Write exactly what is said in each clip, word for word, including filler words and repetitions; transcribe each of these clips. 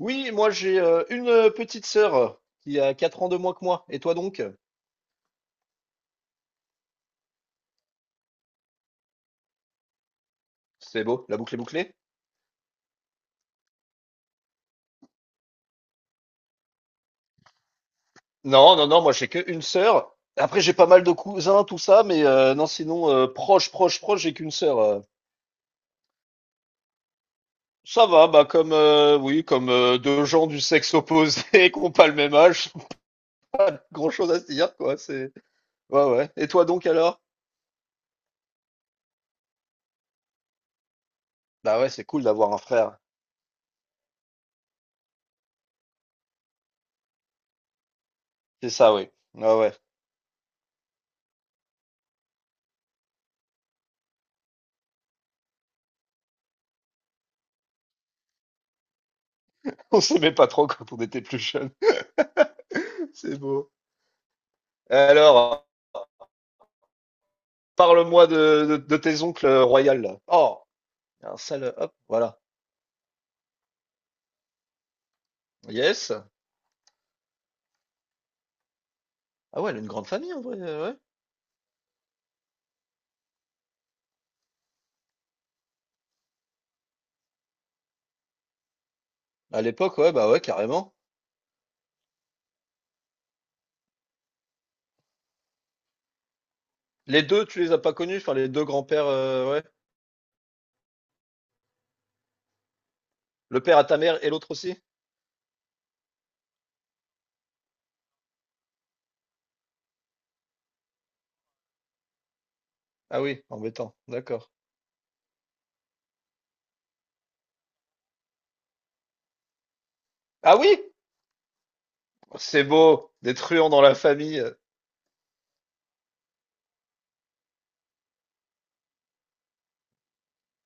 Oui, moi j'ai euh, une euh, petite sœur euh, qui a quatre ans de moins que moi. Et toi donc? C'est beau, la boucle est bouclée? Non, non, non, moi j'ai que une sœur. Après j'ai pas mal de cousins, tout ça, mais euh, non, sinon euh, proche, proche, proche, j'ai qu'une sœur. euh. Ça va, bah comme euh, oui, comme euh, deux gens du sexe opposé qui ont pas le même âge, pas grand-chose à se dire quoi. C'est ouais, ouais. Et toi donc alors? Bah ouais, c'est cool d'avoir un frère. C'est ça, oui. Ouais, ouais. On s'aimait pas trop quand on était plus jeune. C'est beau. Alors. Parle-moi de, de- de tes oncles euh, royales, là. Oh, un sale, hop, voilà. Yes. Ah ouais, elle a une grande famille, en vrai, euh, ouais. À l'époque, ouais, bah ouais, carrément. Les deux, tu les as pas connus, enfin, les deux grands-pères, euh, ouais. Le père à ta mère et l'autre aussi? Ah oui, embêtant, d'accord. Ah oui! C'est beau, des truands dans la famille.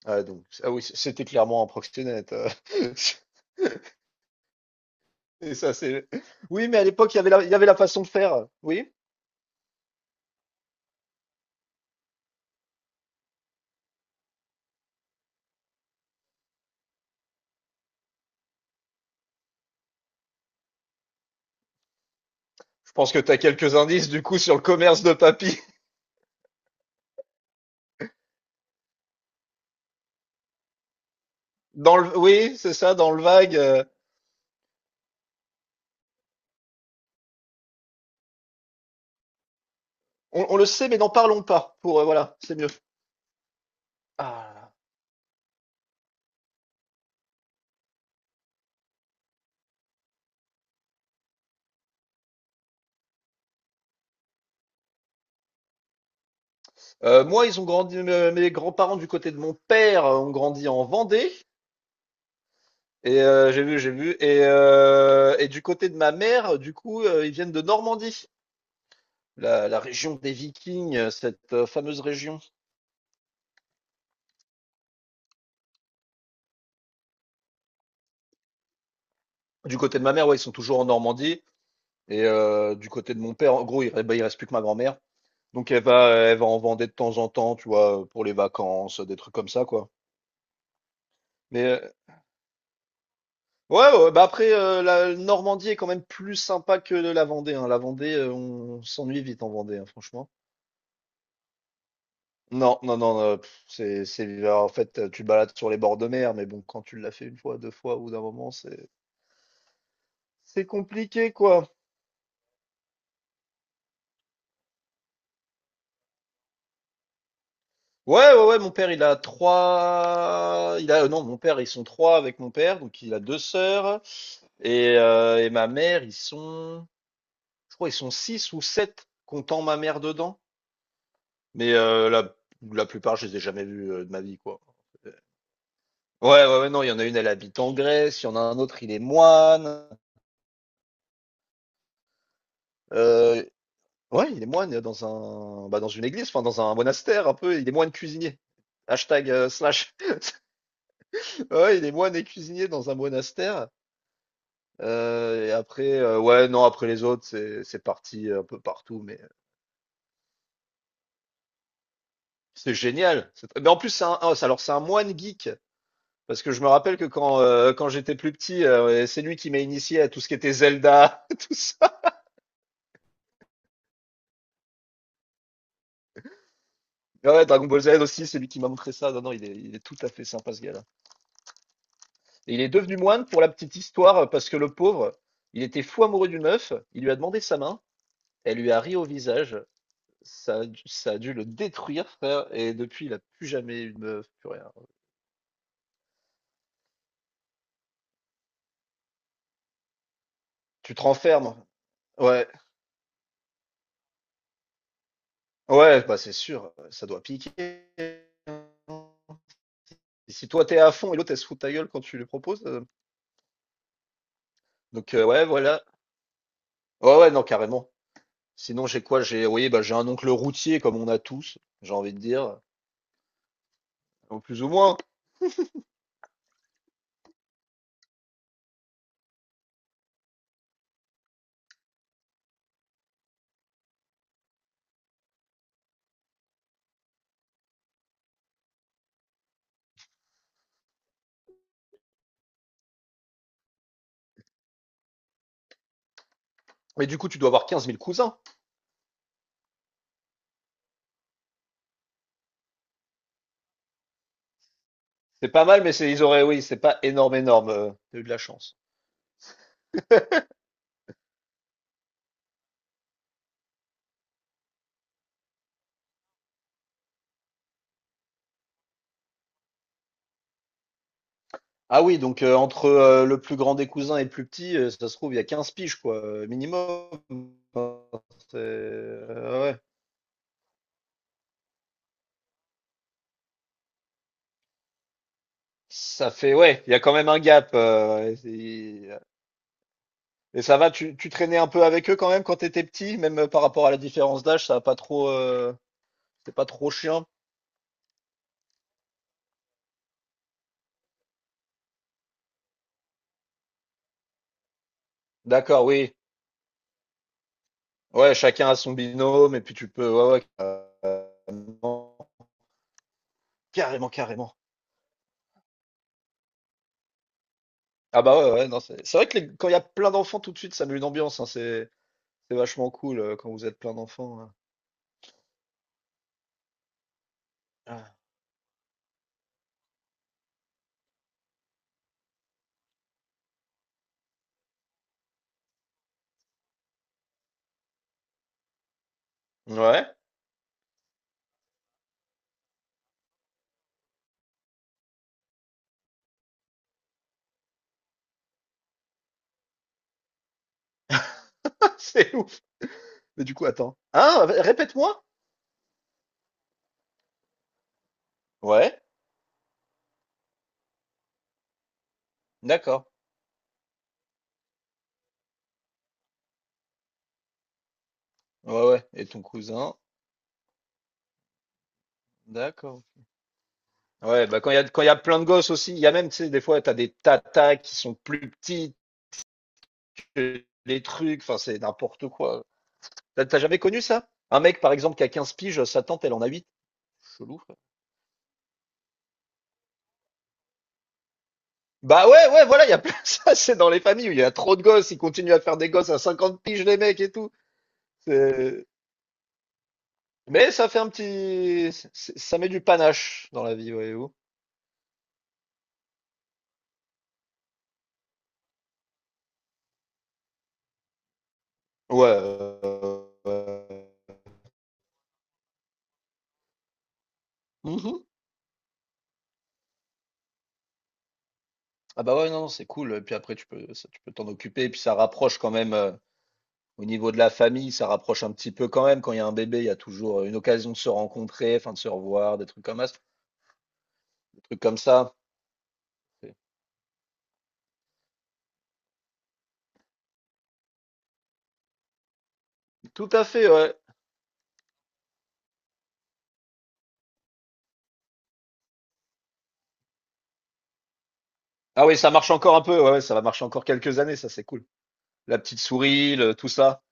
Ah, donc, ah oui, c'était clairement un proxénète. euh. Et ça, c'est. Oui, mais à l'époque, il y avait la, il y avait la façon de faire. Oui? Je pense que tu as quelques indices, du coup, sur le commerce de papy. Dans le, oui, c'est ça, dans le vague. euh, on, on le sait, mais n'en parlons pas. Pour euh, voilà, c'est mieux. Ah. Euh, moi, ils ont grandi. me- Mes grands-parents du côté de mon père euh, ont grandi en Vendée. Et euh, j'ai vu, j'ai vu. Et, euh, et du côté de ma mère, euh, du coup, euh, ils viennent de Normandie, la, la région des Vikings, euh, cette euh, fameuse région. Du côté de ma mère, ouais, ils sont toujours en Normandie. Et euh, du côté de mon père, en gros, il, re- bah, il reste plus que ma grand-mère. Donc elle va, elle va en Vendée de temps en temps, tu vois, pour les vacances, des trucs comme ça, quoi. Mais euh, Ouais, ouais, bah après, euh, la Normandie est quand même plus sympa que la Vendée. hein. La Vendée, euh, on s'ennuie vite en Vendée, hein, franchement. Non, non, non, euh, pff, c'est, c'est, bah, en fait, euh, tu te balades sur les bords de mer, mais bon, quand tu l'as fait une fois, deux fois, ou d'un moment, c'est, c'est compliqué, quoi. Ouais, ouais, ouais, mon père, il a trois, il a, euh, non, mon père, ils sont trois avec mon père, donc il a deux sœurs, et, euh, et ma mère, ils sont, je crois, ils sont six ou sept, comptant ma mère dedans. Mais euh, la, la plupart, je les ai jamais vus euh, de ma vie, quoi. Ouais, ouais, ouais, non, il y en a une, elle habite en Grèce, il y en a un autre, il est moine. Euh, ouais, il est moine euh, dans un, bah, dans une église, enfin dans un monastère un peu, il est moine cuisinier. Hashtag euh, slash. Ouais, il est moine et cuisinier dans un monastère. Euh, et après, euh, ouais, non, après les autres, c'est c'est parti un peu partout, mais euh, c'est génial. C'est- Mais en plus, c'est un, ah, c'est- alors c'est un moine geek. Parce que je me rappelle que quand, euh, quand j'étais plus petit, euh, c'est lui qui m'a initié à tout ce qui était Zelda, tout ça. Mais ouais, Dragon Ball Z aussi, c'est lui qui m'a montré ça. Non, non, il est, il est tout à fait sympa ce gars-là. Et il est devenu moine pour la petite histoire, parce que le pauvre, il était fou amoureux d'une meuf, il lui a demandé sa main, elle lui a ri au visage, ça, a dû- ça a dû le détruire, frère, et depuis, il a plus jamais eu de meuf, plus rien. Tu te renfermes. Ouais, ouais, bah c'est sûr, ça doit piquer. Et si toi t'es à fond et l'autre elle se fout de ta gueule quand tu lui proposes, euh, Donc heu, ouais, voilà. Ouais, ouais, non, carrément. Sinon, j'ai quoi? J'ai Oui, bah, j'ai un oncle routier comme on a tous, j'ai envie de dire, ou plus ou moins. Mais du coup, tu dois avoir quinze mille cousins. C'est pas mal, mais c'est ils auraient oui, c'est pas énorme, énorme, heu, tu eu de la chance. Ah oui, donc heu, entre, heu, le plus grand des cousins et le plus petit, heu, ça se trouve, il y a quinze piges quoi, heu, minimum. Enfin, c'est ouais, ouais. Ça fait ouais, il y a quand même un gap, heu, et Et ça va, tu, tu traînais un peu avec eux quand même quand t'étais petit, même euh, par rapport à la différence d'âge, ça a pas trop, euh, c'est pas trop chiant. D'accord, oui. Ouais, chacun a son binôme et puis tu peux, ouais, ouais, carrément, carrément, carrément. Ah bah ouais, ouais, non, c'est c'est vrai que les- quand il y a plein d'enfants tout de suite, ça met une ambiance, hein, c'est c'est vachement cool euh, quand vous êtes plein d'enfants, hein. Ah. Ouais, c'est ouf. Mais du coup, attends. Hein, répète-moi. Ouais, d'accord. Ouais, ouais. Et ton cousin, d'accord. Ouais, bah quand il y a, quand il y a plein de gosses aussi, il y a même, tu sais, des fois, t'as des tatas qui sont plus petites que les trucs, enfin, c'est n'importe quoi. T'as t'as jamais connu ça? Un mec, par exemple, qui a quinze piges, sa tante, elle en a huit. Chelou, frère. Bah ouais, ouais, voilà, il y a plein ça, c'est dans les familles où il y a trop de gosses, ils continuent à faire des gosses à cinquante piges, les mecs et tout. C'est- Mais ça fait un petit... c'est- Ça met du panache dans la vie, voyez-vous. Ouais. Euh, euh, mhm. Ah bah ouais, non, c'est cool. Et puis après, tu peux, ça, tu peux t'en occuper, et puis ça rapproche quand même... euh, Au niveau de la famille, ça rapproche un petit peu quand même. Quand il y a un bébé, il y a toujours une occasion de se rencontrer, enfin de se revoir, des trucs comme ça, des trucs comme ça. Tout à fait, ouais. Ah oui, ça marche encore un peu. Ouais, ouais, ça va marcher encore quelques années, ça c'est cool. La petite souris, le- tout ça.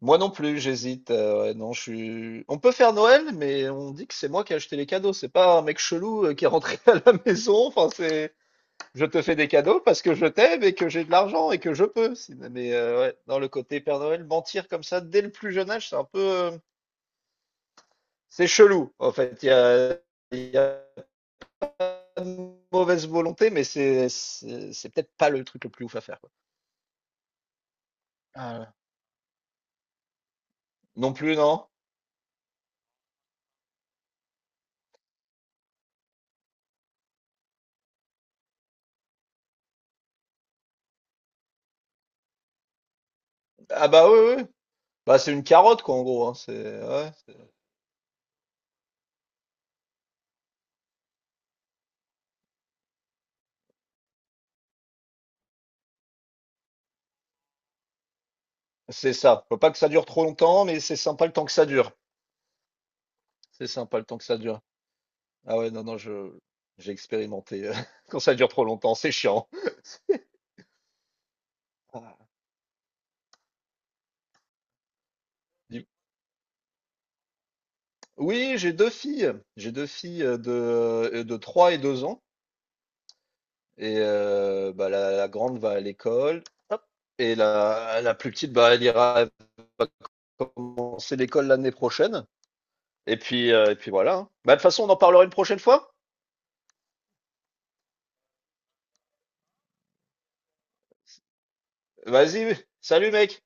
Moi non plus, j'hésite. Euh, ouais, non, je suis. On peut faire Noël, mais on dit que c'est moi qui ai acheté les cadeaux. C'est pas un mec chelou euh, qui est rentré à la maison. Enfin, c'est. Je te fais des cadeaux parce que je t'aime et que j'ai de l'argent et que je peux. Sinon- Mais euh, ouais, dans le côté Père Noël, mentir comme ça dès le plus jeune âge, c'est un peu. Euh, c'est chelou, en fait. Il y a, il y a pas de mauvaise volonté, mais c'est, c'est, c'est peut-être pas le truc le plus ouf à faire, quoi. Ah, ouais. Non plus, non? Ah bah oui, oui. Bah c'est une carotte, quoi, en gros, hein. C'est, ouais, c'est c'est ça. Faut pas que ça dure trop longtemps, mais c'est sympa le temps que ça dure. C'est sympa le temps que ça dure. Ah ouais, non, non, je, j'ai expérimenté. euh, Quand ça dure trop longtemps, c'est chiant. Ah. Dis- Oui, j'ai deux filles. J'ai deux filles euh, de, euh, de trois et deux ans. Et heu, bah, la la grande va à l'école, hop et la la plus petite, bah, elle ira elle va commencer l'école l'année prochaine et puis, heu et puis voilà, hein. Bah, de toute façon, on en parlera une prochaine fois. Vas-y, salut mec!